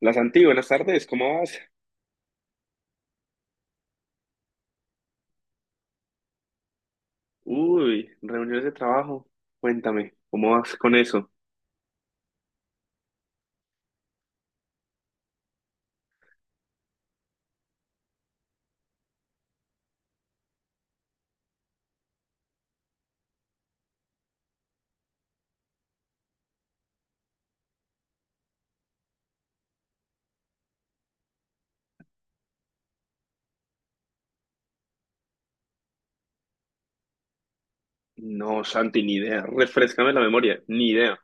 La Santi, buenas tardes, ¿cómo vas? Uy, reuniones de trabajo. Cuéntame, ¿cómo vas con eso? No, Santi, ni idea. Refréscame la memoria, ni idea.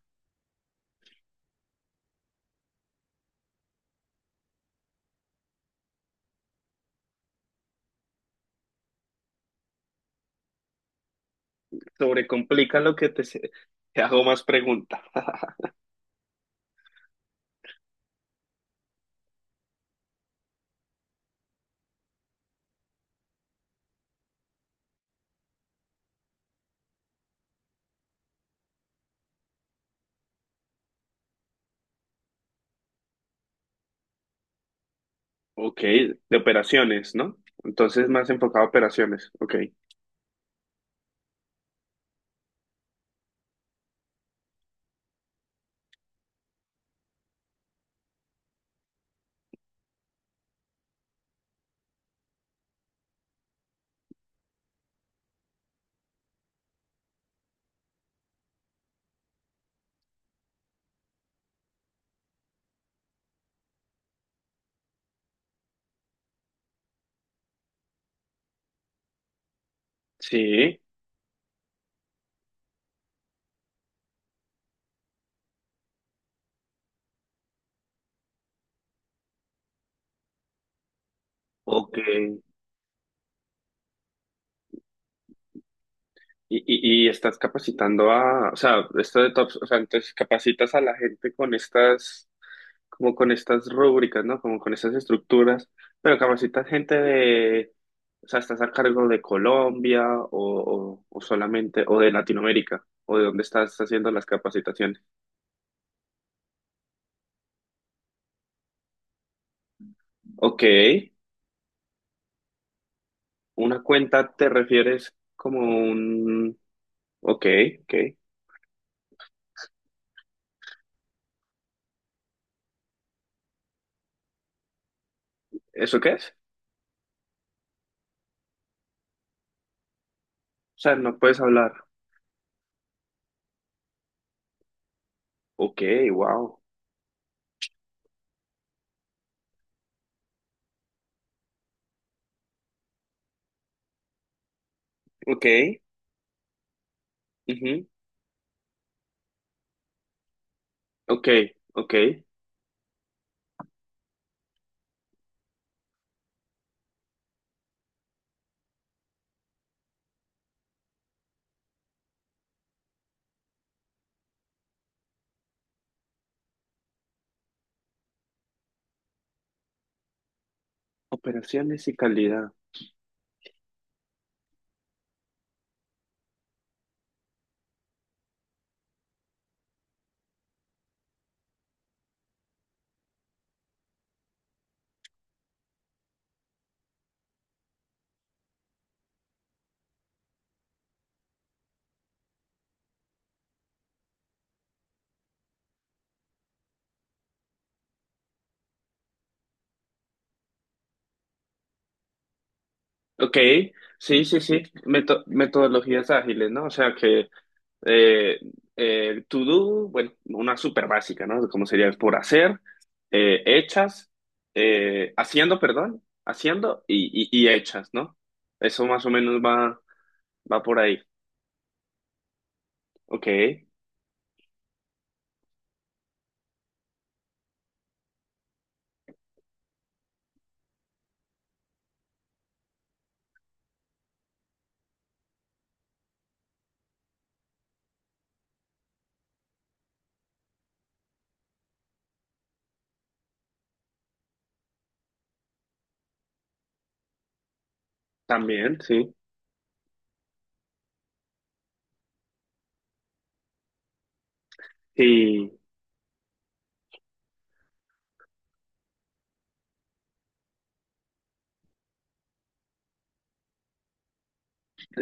Sobrecomplica lo que te, te hago más preguntas. Ok, de operaciones, ¿no? Entonces más enfocado a operaciones. Ok. Sí, ok. Y, y estás capacitando a, o sea, esto de tops, o sea, entonces capacitas a la gente con estas, como con estas rúbricas, ¿no? Como con estas estructuras, pero capacitas gente de, o sea, estás a cargo de Colombia o solamente, o de Latinoamérica, o de dónde estás haciendo las capacitaciones. Ok, una cuenta te refieres como un, ok, ok, ¿eso qué es? O sea, no puedes hablar. Ok, wow, ok, ujú, ok, ok, operaciones y calidad. Ok, sí, sí, sí, metodologías ágiles, ¿no? O sea que Eh, to do, bueno, una súper básica, ¿no? Como sería por hacer, hechas, haciendo, perdón, haciendo y hechas, ¿no? Eso más o menos va por ahí. Ok, también, sí. Y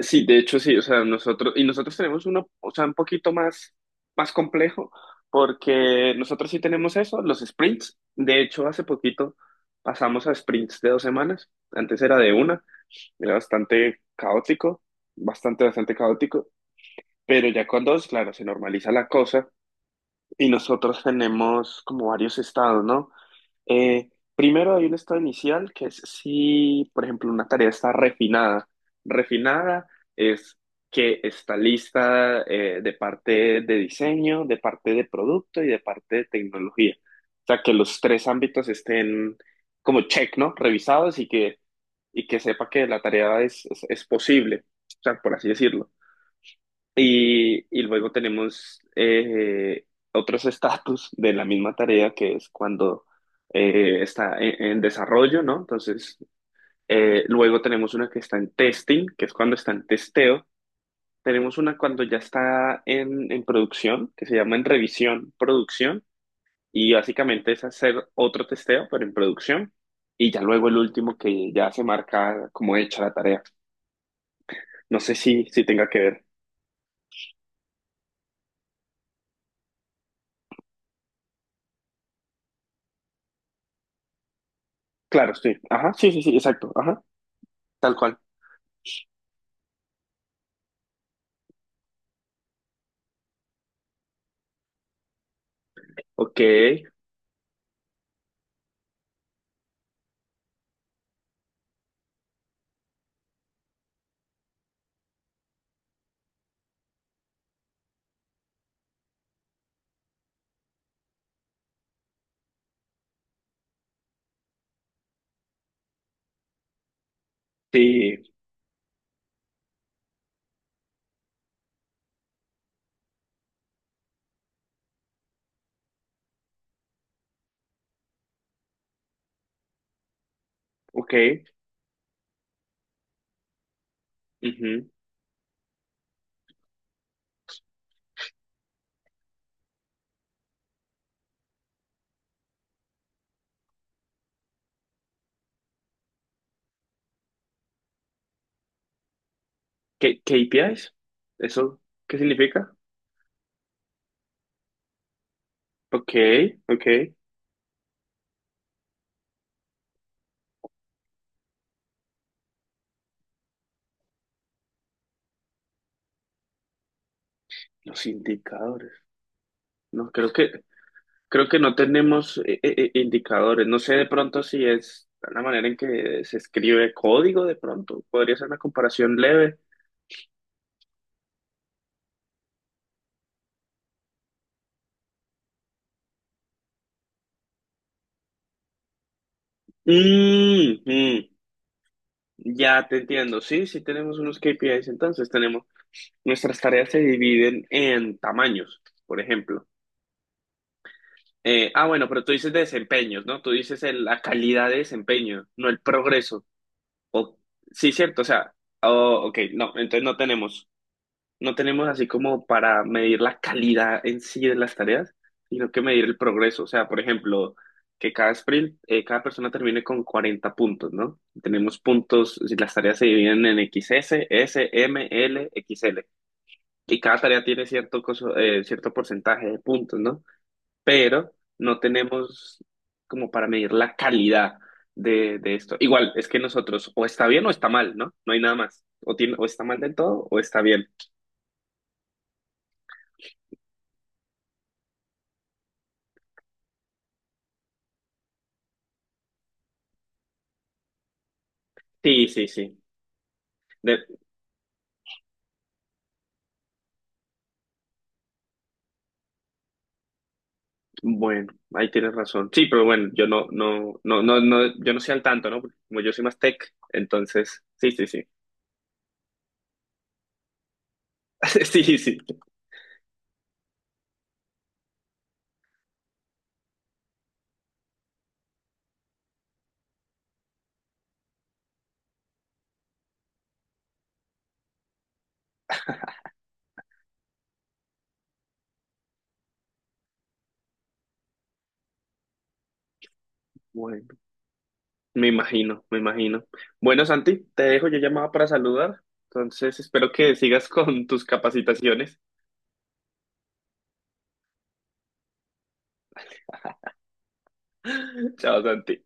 sí, de hecho, sí, o sea, nosotros, y nosotros tenemos uno, o sea, un poquito más, más complejo, porque nosotros sí tenemos eso, los sprints. De hecho, hace poquito pasamos a sprints de 2 semanas, antes era de una. Era bastante caótico, bastante, bastante caótico, pero ya con dos, claro, se normaliza la cosa y nosotros tenemos como varios estados, ¿no? Eh, Primero hay un estado inicial que es si, por ejemplo, una tarea está refinada. Refinada es que está lista, de parte de diseño, de parte de producto y de parte de tecnología. O sea, que los tres ámbitos estén como check, ¿no? Revisados, y que sepa que la tarea es posible, o sea, por así decirlo. Y luego tenemos, otros estatus de la misma tarea, que es cuando, está en desarrollo, ¿no? Entonces, luego tenemos una que está en testing, que es cuando está en testeo. Tenemos una cuando ya está en producción, que se llama en revisión, producción. Y básicamente es hacer otro testeo, pero en producción. Y ya luego el último que ya se marca como hecha la tarea. No sé si tenga que ver. Claro, sí. Ajá, sí, sí, sí, exacto. Ajá, tal cual. Ok, sí, ok. Ujú. ¿Qué KPIs? ¿Eso qué significa? Ok, ok. Los indicadores. No, creo que no tenemos, indicadores. No sé de pronto si es la manera en que se escribe código, de pronto. Podría ser una comparación leve. Mm, mm, ya te entiendo. Sí, sí tenemos unos KPIs, entonces tenemos, nuestras tareas se dividen en tamaños, por ejemplo. Ah, bueno, pero tú dices de desempeños, ¿no? Tú dices la calidad de desempeño, no el progreso. O, sí, cierto, o sea, oh, ok, no, entonces no tenemos, así como para medir la calidad en sí de las tareas, sino que medir el progreso. O sea, por ejemplo, que cada sprint, cada persona termine con 40 puntos, ¿no? Tenemos puntos, si las tareas se dividen en XS, S, M, L, XL. Y cada tarea tiene cierto porcentaje de puntos, ¿no? Pero no tenemos como para medir la calidad de esto. Igual, es que nosotros o está bien o está mal, ¿no? No hay nada más. O está mal del todo o está bien. Sí, sí, sí. De- bueno, ahí tienes razón. Sí, pero bueno, yo no soy al tanto, ¿no? Porque como yo soy más tech, entonces, sí, sí, sí. Sí, sí. Bueno, me imagino, me imagino. Bueno, Santi, te dejo, yo llamaba para saludar. Entonces, espero que sigas con tus capacitaciones. Chao, Santi.